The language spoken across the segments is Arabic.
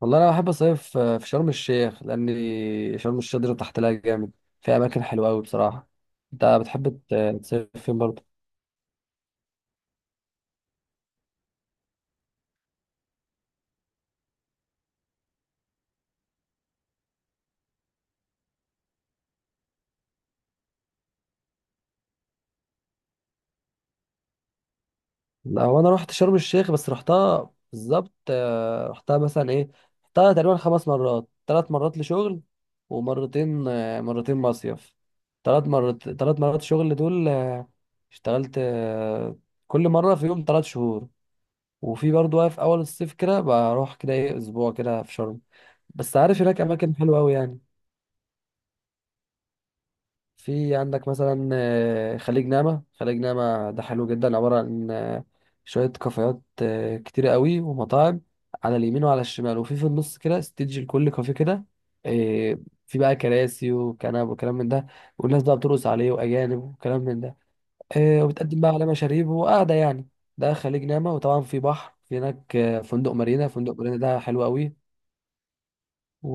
والله انا بحب اصيف في شرم الشيخ، لان شرم الشيخ دي تحت لها جامد. في اماكن حلوه قوي بصراحه. انت بتحب تصيف فين برضه؟ لا، هو انا رحت شرم الشيخ بس رحتها بالظبط، رحتها مثلا ايه. رحتها تقريبا 5 مرات، 3 مرات لشغل ومرتين آه، مرتين مصيف. ثلاث مرات شغل دول، اشتغلت، كل مره في يوم 3 شهور. وفي برضه بقى في اول الصيف كده بروح كده ايه اسبوع كده في شرم. بس عارف هناك اماكن حلوه قوي يعني. في عندك مثلا خليج نعمه. خليج نعمه ده حلو جدا، عباره عن شويه كافيهات كتير قوي ومطاعم، على اليمين وعلى الشمال، وفي النص كده ستيدج لكل كافيه كده. آه، في بقى كراسي وكنب وكلام من ده. والناس بقى بترقص عليه، واجانب وكلام من ده. وبتقدم بقى على مشاريب، وقاعدة يعني. ده خليج نعمة. وطبعا في بحر، في هناك فندق مارينا. فندق مارينا ده حلو قوي. و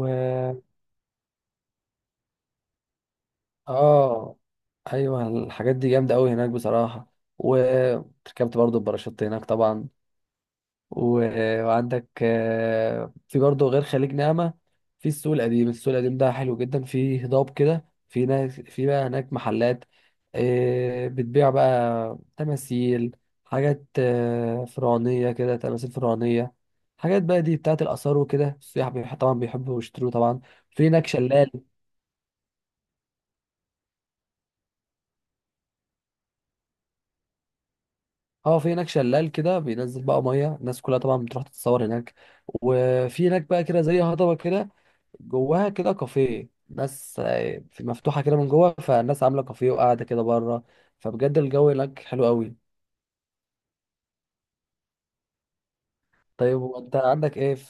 اه ايوه، الحاجات دي جامدة قوي هناك بصراحة، وركبت برضو الباراشوت هناك طبعا. وعندك في برضه غير خليج نعمة، في السوق القديم. السوق القديم ده حلو جدا، فيه هضاب كده، في ناس، في بقى هناك محلات بتبيع بقى تماثيل، حاجات فرعونية كده، تماثيل فرعونية، حاجات بقى دي بتاعت الآثار وكده. السياح طبعا بيحبوا يشتروا طبعا. في هناك شلال. اه، في هناك شلال كده بينزل بقى مية. الناس كلها طبعا بتروح تتصور هناك. وفي هناك بقى كده زي هضبة كده، جواها كده كافيه، ناس مفتوحة كده من جوه. فالناس عاملة كافيه وقاعدة كده بره. فبجد الجو هناك حلو قوي. طيب، وانت عندك ايه في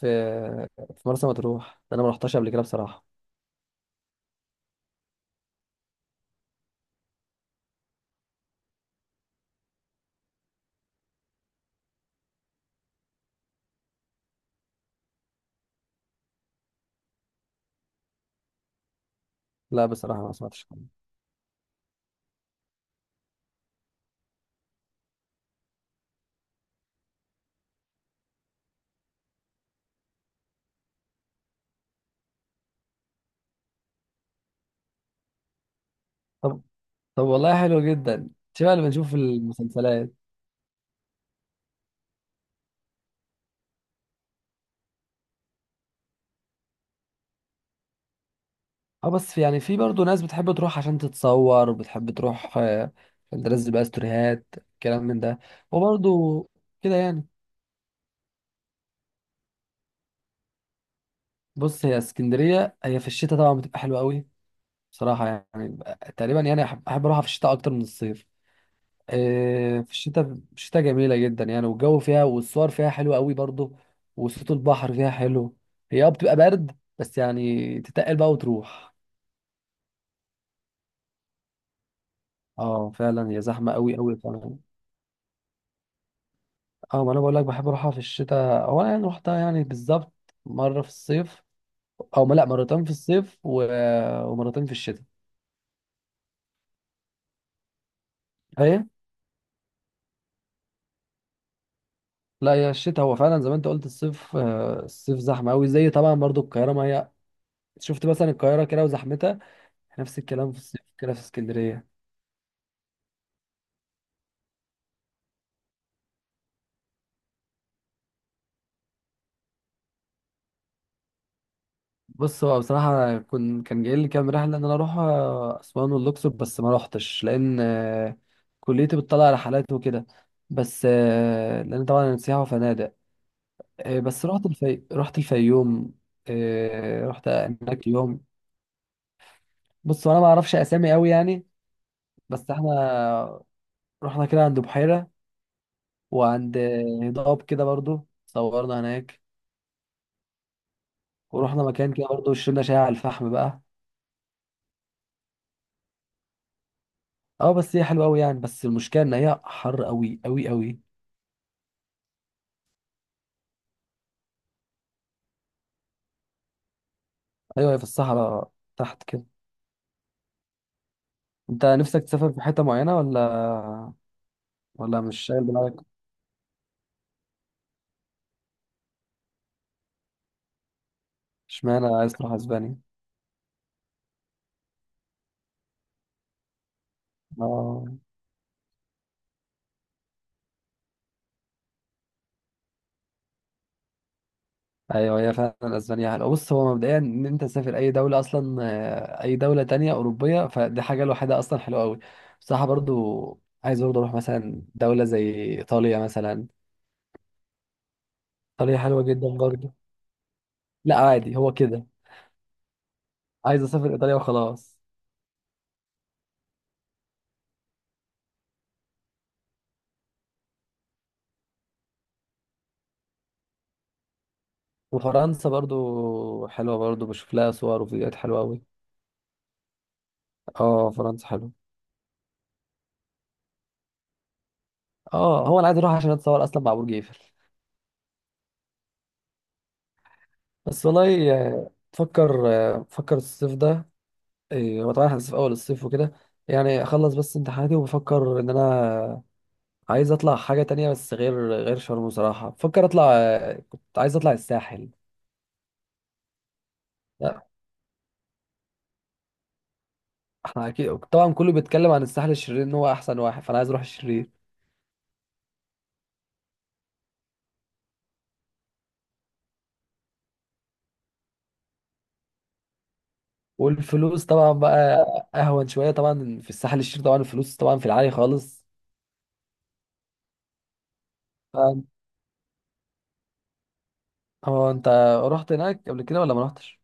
في مرسى مطروح ده؟ انا ما رحتش قبل كده بصراحة. لا، بصراحة ما سمعتش عنه. طب طب والله حلو جدا، شبه اللي بنشوفه في المسلسلات. اه، بس يعني في برضه ناس بتحب تروح عشان تتصور، وبتحب تروح عشان تنزل بقى ستوريهات، كلام من ده. وبرضه كده يعني. بص، هي اسكندرية، هي في الشتاء طبعا بتبقى حلوة قوي. بصراحة يعني، تقريبا يعني أحب أروحها في الشتاء أكتر من الصيف. إيه، في الشتاء جميلة جدا يعني، والجو فيها والصور فيها حلوة قوي برضو. وصوت البحر فيها حلو. هي اه بتبقى برد، بس يعني تتقل بقى وتروح. اه، فعلا هي زحمة قوي قوي فعلا. اه، ما أنا بقول لك بحب أروحها في الشتاء. هو أنا يعني روحتها يعني بالظبط مرة في الصيف، أو ما- لا، مرتين في الصيف ومرتين في الشتاء. هي لا، هي الشتاء، هو فعلا زي ما انت قلت، الصيف الصيف زحمة قوي، زي طبعا برضو القاهرة ما هي، شفت مثلا القاهرة كده وزحمتها، نفس الكلام في الصيف كده في اسكندرية. بص، هو بصراحة كان جاي لي كام رحلة إن أنا أروح أسوان والأقصر، بس ما روحتش لأن كليتي بتطلع رحلات وكده. بس لأن طبعا أنا سياحة وفنادق. بس رحت الفيوم. رحت هناك يوم. بص، أنا ما أعرفش أسامي أوي يعني، بس إحنا رحنا كده عند بحيرة، وعند هضاب كده، برضو صورنا هناك. ورحنا مكان كده برضو، شربنا شاي على الفحم بقى. اه، بس هي حلوه قوي يعني، بس المشكله ان هي حر قوي قوي قوي. ايوه، هي في الصحراء تحت كده. انت نفسك تسافر في حته معينه، ولا مش شايل دماغك؟ اشمعنى عايز تروح اسبانيا؟ اه، ايوه، هي فعلا اسبانيا حلوه. بص، هو مبدئيا ان انت تسافر اي دوله اصلا، اي دوله تانية اوروبيه، فدي حاجه لوحدها اصلا حلوه قوي. بصراحه برضو عايز برضو اروح مثلا دوله زي ايطاليا مثلا. ايطاليا حلوه جدا برضو. لا، عادي، هو كده، عايز اسافر ايطاليا وخلاص. وفرنسا برضو حلوة، برضو بشوف لها صور وفيديوهات حلوة أوي. اه، فرنسا حلوة. اه، هو أنا عايز أروح عشان أتصور أصلا مع برج إيفل. بس والله، فكر الصيف ده. هو طبعا احنا لسه في أول الصيف وكده، يعني أخلص بس امتحاناتي وبفكر إن أنا عايز أطلع حاجة تانية، بس غير شرم. بصراحة بفكر أطلع، كنت عايز أطلع الساحل. لا، احنا أكيد طبعا كله بيتكلم عن الساحل الشرير إن هو أحسن واحد، فأنا عايز أروح الشرير. والفلوس طبعا بقى اهون شويه طبعا في الساحل الشرير، طبعا الفلوس طبعا في العالي خالص. ف- هو انت رحت هناك قبل كده ولا ما رحتش؟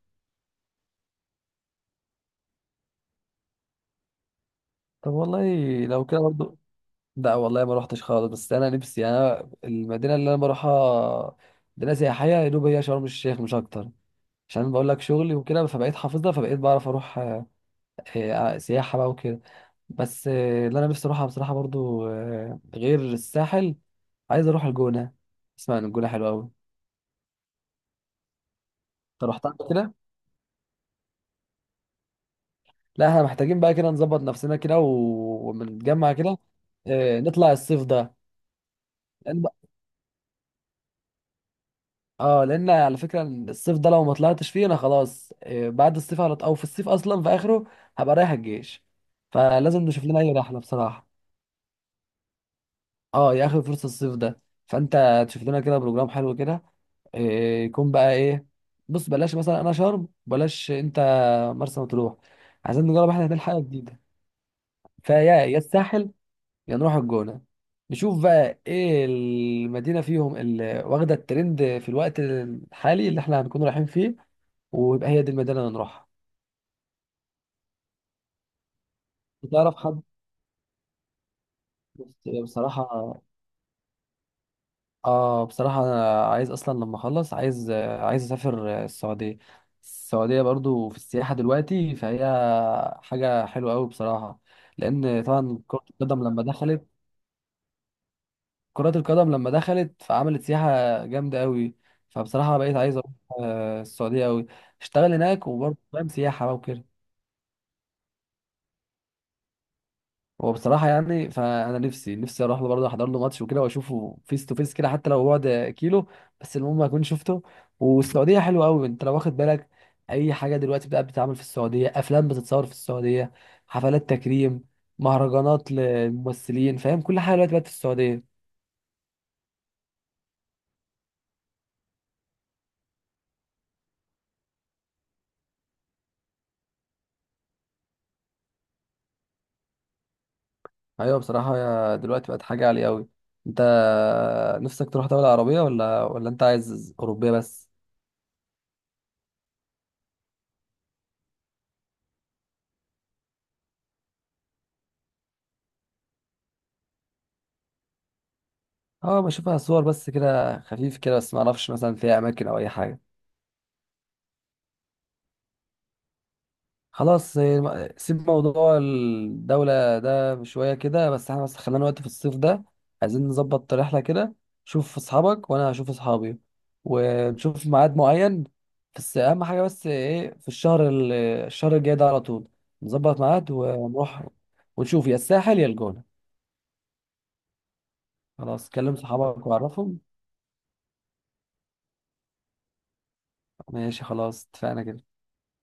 طب والله، لو كده برضو، لا والله ما رحتش خالص، بس انا نفسي. انا المدينه اللي انا بروحها مدينه سياحيه يا دوب هي شرم الشيخ، مش اكتر. عشان بقول لك شغلي وكده، فبقيت حافظها، فبقيت بعرف اروح سياحه بقى وكده. بس اللي انا نفسي اروحها بصراحه برضو غير الساحل، عايز اروح الجونه. اسمع ان الجونه حلوه قوي. انت رحت عمل كده؟ لا، احنا محتاجين بقى كده نظبط نفسنا كده، ونتجمع كده. اه، نطلع الصيف ده لان اه لان على فكره الصيف ده لو ما طلعتش فيه انا خلاص، اه بعد الصيف على او في الصيف اصلا في اخره هبقى رايح الجيش، فلازم نشوف لنا اي رحله بصراحه. اه، يا اخر فرصه الصيف ده. فانت تشوف لنا كده بروجرام حلو كده، اه، يكون بقى ايه. بص، بلاش مثلا انا شرم، بلاش انت مرسى مطروح، عايزين نجرب احنا هناك حاجه جديده. فيا يا الساحل، يا نروح الجونة. نشوف بقى ايه المدينة فيهم اللي واخدة الترند في الوقت الحالي اللي احنا هنكون رايحين فيه، ويبقى هي دي المدينة اللي نروحها. تعرف حد؟ بس بصراحة، اه بصراحة انا عايز، اصلا لما اخلص عايز اسافر السعودية. السعودية برضو في السياحة دلوقتي، فهي حاجة حلوة قوي بصراحة. لان طبعا كرة القدم لما دخلت، كرة القدم لما دخلت فعملت سياحة جامدة قوي. فبصراحة بقيت عايز اروح السعودية قوي، اشتغل هناك، وبرضه فاهم سياحة بقى وكده. هو بصراحة يعني، فأنا نفسي أروح له برضه، أحضر له ماتش وكده وأشوفه فيس تو فيس كده، حتى لو بعد كيلو، بس المهم أكون شفته. والسعودية حلوة أوي، أنت لو واخد بالك أي حاجة دلوقتي بقى بتتعمل في السعودية، أفلام بتتصور في السعودية، حفلات تكريم، مهرجانات للممثلين، فاهم، كل حاجة دلوقتي بقت في السعودية. ايوه بصراحه، يا دلوقتي بقت حاجه عاليه قوي. انت نفسك تروح دوله عربيه ولا انت عايز اوروبيه بس؟ اه بشوفها صور بس كده خفيف كده، بس ما اعرفش مثلا فيها اماكن او اي حاجه. خلاص، سيب موضوع الدولة ده شوية كده، بس احنا بس خلينا وقت في الصيف ده، عايزين نظبط رحلة كده. شوف أصحابك وأنا هشوف أصحابي، ونشوف ميعاد معين. بس أهم حاجة، بس إيه، في الشهر الشهر الجاي ده على طول نظبط ميعاد ونروح، ونشوف يا الساحل يا الجونة. خلاص، كلم صحابك وعرفهم. ماشي، خلاص، اتفقنا كده.